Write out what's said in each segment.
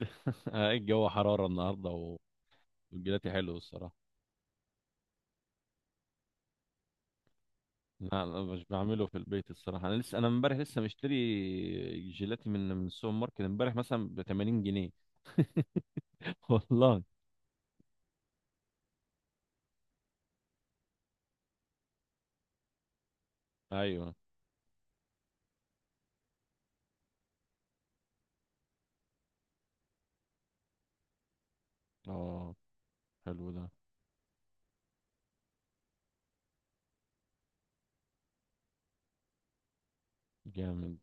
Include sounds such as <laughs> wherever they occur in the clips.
<laughs> الجو حرارة النهاردة. والجيلاتي حلو الصراحة. لا لا، مش بعمله في البيت الصراحة. أنا امبارح لسه مشتري جيلاتي من السوبر ماركت امبارح، مثلا ب 80 جنيه. <laughs> والله. أيوه. أه، حلو ده. جامد.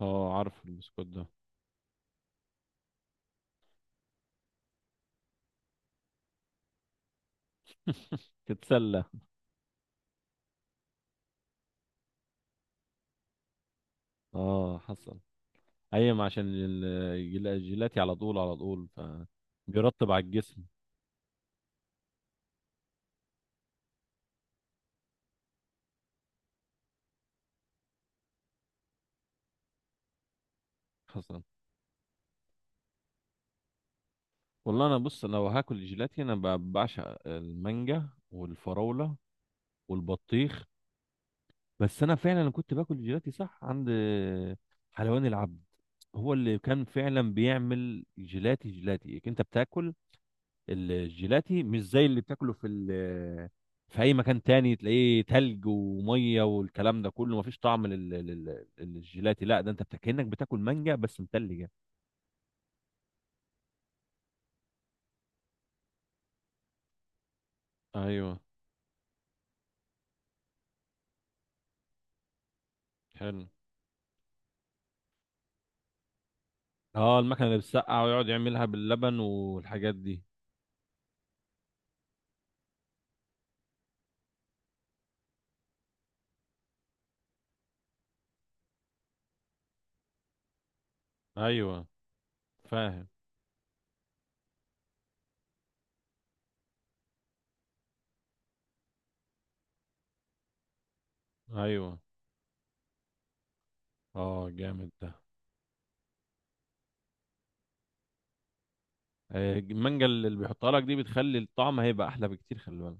أه، عارف البسكوت ده. <laughs> تتسلى. أه حصل أيام عشان الجيلاتي على طول على طول، ف بيرطب على الجسم. حصل. والله أنا بص، أنا لو هاكل جيلاتي أنا بعشق المانجا والفراولة والبطيخ. بس انا فعلا كنت باكل جيلاتي صح عند حلواني العبد. هو اللي كان فعلا بيعمل جيلاتي. جيلاتي انت بتاكل؟ الجيلاتي مش زي اللي بتاكله في اي مكان تاني، تلاقيه تلج وميه والكلام ده كله، مفيش طعم للجيلاتي. لا ده انت كأنك بتاكل مانجا بس متلجه. ايوه. حلو. اه المكنه اللي بتسقع، ويقعد يعملها باللبن والحاجات دي. ايوه فاهم. ايوه. اه جامد ده. المانجا اللي بيحطها لك دي بتخلي الطعم هيبقى احلى بكتير، خلي بالك.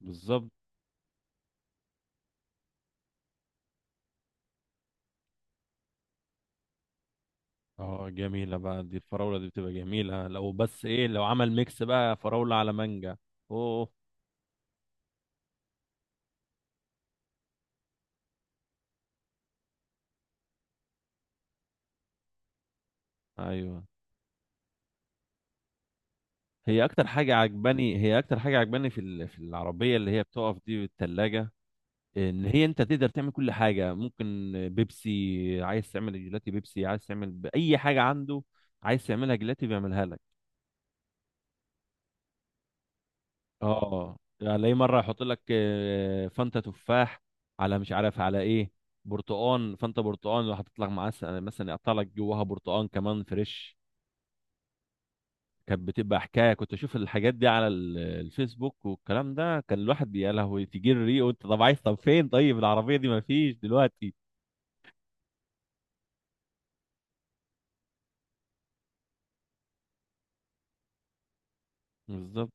بالظبط. اه جميله بقى دي، الفراوله دي بتبقى جميله. لو بس ايه، لو عمل ميكس بقى فراوله على مانجا. اوه. ايوه. هي اكتر حاجه عجباني في العربيه اللي هي بتقف دي بالثلاجه، ان هي انت تقدر تعمل كل حاجه ممكن. بيبسي عايز تعمل جيلاتي بيبسي، عايز تعمل اي حاجه عنده عايز تعملها جيلاتي، بيعملها لك. اه هتلاقيه مره يحط لك فانتا تفاح، على مش عارف على ايه. برتقان، فانتا برتقان. لو هتطلع معاه مثلا يقطع لك جواها برتقان كمان فريش. كانت بتبقى حكايه. كنت اشوف الحاجات دي على الفيسبوك والكلام ده، كان الواحد يا لهوي تيجي الريق. وانت طب عايز، طب فين طيب العربيه دي؟ ما فيش دلوقتي. بالظبط.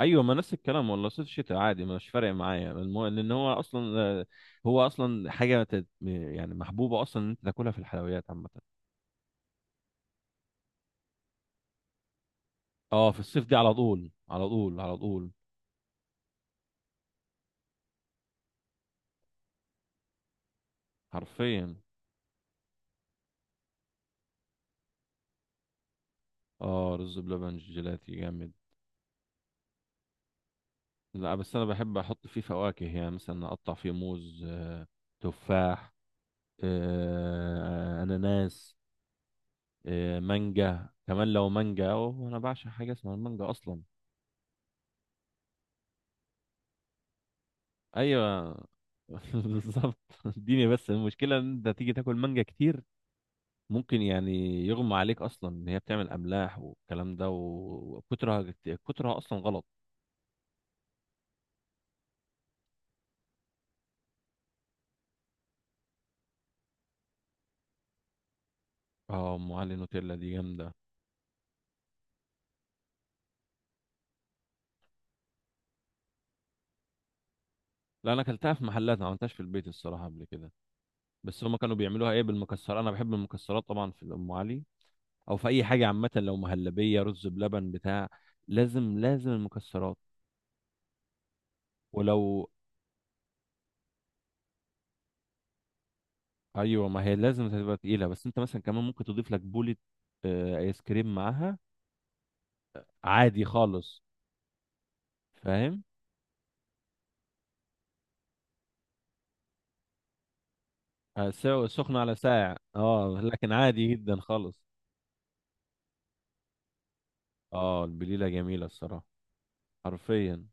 ايوه ما نفس الكلام والله، صيف شتاء عادي، مش فارق معايا لان هو اصلا حاجه يعني محبوبه اصلا، ان انت تاكلها في الحلويات عامه. اه في الصيف دي على طول على طول على طول. حرفيا. اه رز بلبن جيلاتي جامد. لا بس انا بحب احط فيه فواكه، يعني مثلا اقطع فيه موز، تفاح، اناناس، مانجا كمان. لو مانجا اوه، انا بعشق حاجه اسمها المانجا اصلا. ايوه. <laughs> بالظبط. اديني. بس المشكله ان انت تيجي تاكل مانجا كتير، ممكن يعني يغمى عليك اصلا، ان هي بتعمل املاح والكلام ده. وكترها، كترها اصلا غلط. اه ام علي نوتيلا دي جامده. لا انا اكلتها في محلات، ما عملتهاش في البيت الصراحه قبل كده. بس هما كانوا بيعملوها ايه، بالمكسرات. انا بحب المكسرات طبعا في ام علي، او في اي حاجه عامه، لو مهلبيه رز بلبن بتاع، لازم لازم المكسرات. ولو. ايوه ما هي لازم تبقى تقيله. بس انت مثلا كمان ممكن تضيف لك بوله ايس كريم معاها عادي خالص. فاهم. سخنه على ساعه، اه لكن عادي جدا خالص. اه البليله جميله الصراحه. حرفيا.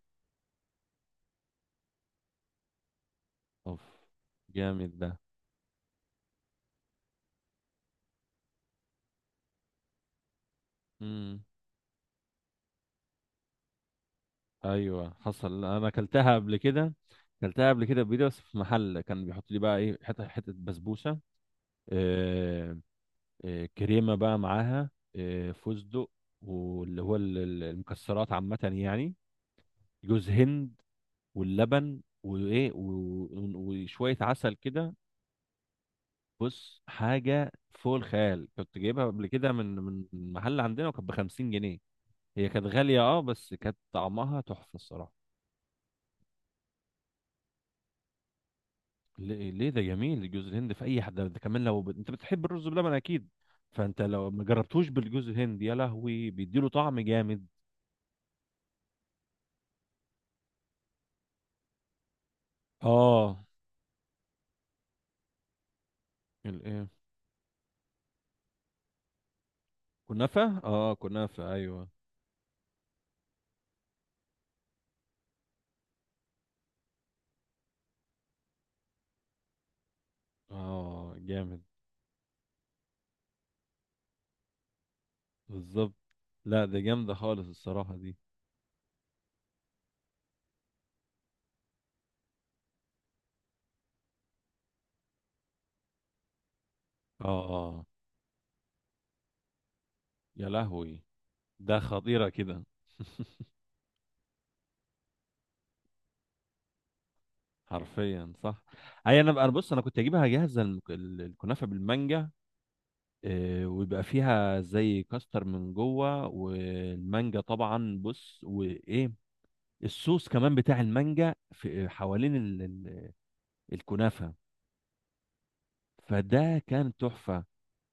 اوف. جامد ده. امم. ايوه حصل، انا اكلتها قبل كده. اكلتها قبل كده بيدي. بس في محل كان بيحط لي بقى ايه، حته حته بسبوسه، آه، كريمه بقى معاها، فستق، واللي هو المكسرات عامه يعني، جوز هند، واللبن، وايه، وشويه عسل كده. بص حاجه فوق الخيال. كنت جايبها قبل كده من محل عندنا، وكانت ب 50 جنيه. هي كانت غاليه، اه، بس كانت طعمها تحفه الصراحه. ليه ليه، ده جميل جوز الهند في اي حد. ده كمان لو انت بتحب الرز بلبن اكيد، فانت لو ما جربتوش بالجوز الهند، يا لهوي بيديله طعم جامد. اه. الايه؟ كنافه. اه كنافه ايوه. اه جامد. بالظبط. لا ده جامده خالص الصراحه دي. اه اه. يا لهوي. ده خطيره كده. <laughs> حرفيا صح. اي انا بص انا كنت اجيبها جاهزه الكنافه بالمانجا، ويبقى فيها زي كاستر من جوه، والمانجا طبعا. بص وايه، الصوص كمان بتاع المانجا في حوالين الكنافه. فده كان تحفه.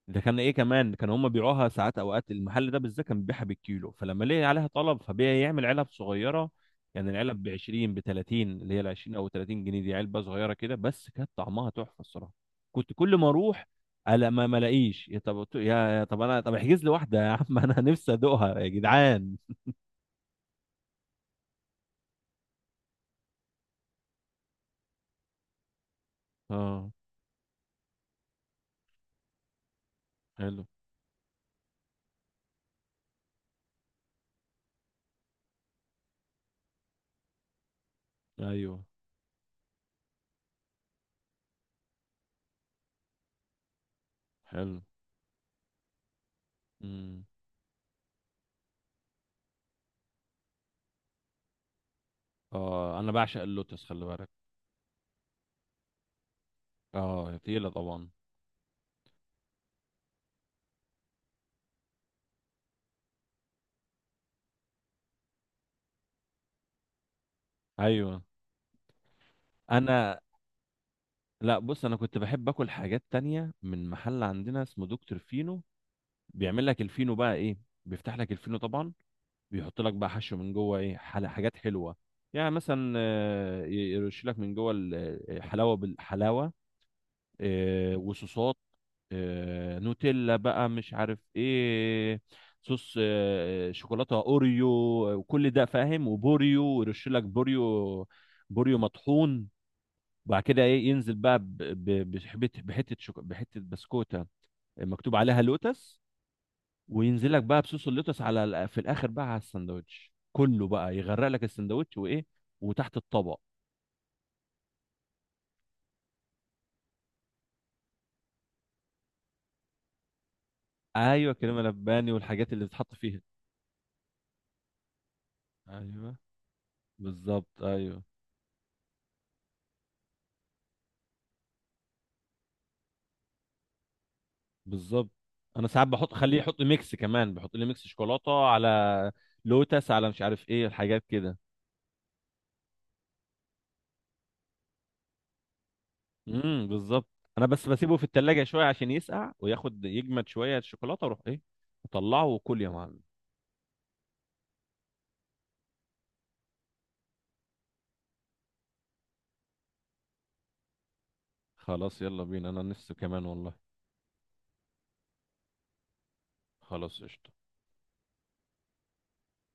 ده كان ايه كمان، كان هم بيبيعوها ساعات اوقات. المحل ده بالذات كان بيبيعها بالكيلو، فلما لقي عليها طلب فبيعمل علب صغيره، يعني العلب ب 20 ب 30، اللي هي ال 20 او 30 جنيه دي، علبه صغيره كده، بس كانت طعمها تحفه الصراحه. كنت كل ما اروح الا ما الاقيش. يا طب، يا طب انا، طب احجز لي واحده يا عم. <laughs> انا نفسي ادوقها يا جدعان. اه حلو. ايوه حلو. امم. اه انا بعشق اللوتس خلي بالك. اه تقيله طبعا. ايوه. انا لا بص، انا كنت بحب اكل حاجات تانية من محل عندنا اسمه دكتور فينو. بيعمل لك الفينو بقى ايه، بيفتح لك الفينو طبعا، بيحط لك بقى حشو من جوه ايه، حاجات حلوه، يعني مثلا يرش لك من جوه الحلاوه بالحلاوه، وصوصات، نوتيلا بقى مش عارف ايه، صوص شوكولاته، اوريو وكل ده فاهم، وبوريو، ويرش لك بوريو، بوريو مطحون. وبعد كده ايه، ينزل بقى بحته بسكوته مكتوب عليها لوتس، وينزل لك بقى بصوص اللوتس في الاخر بقى على السندوتش كله، بقى يغرق لك السندوتش وايه، وتحت الطبق. ايوه كريمه لباني والحاجات اللي بتتحط فيها. ايوه. بالظبط ايوه. بالظبط. انا ساعات بحط، خليه يحط ميكس كمان، بحط لي ميكس شوكولاته على لوتس، على مش عارف ايه الحاجات كده. بالظبط. انا بس بسيبه في التلاجة شويه عشان يسقع وياخد يجمد شويه الشوكولاته، اروح ايه اطلعه، وكل يا معلم. خلاص يلا بينا، انا نفسي كمان والله. خلاص قشطة.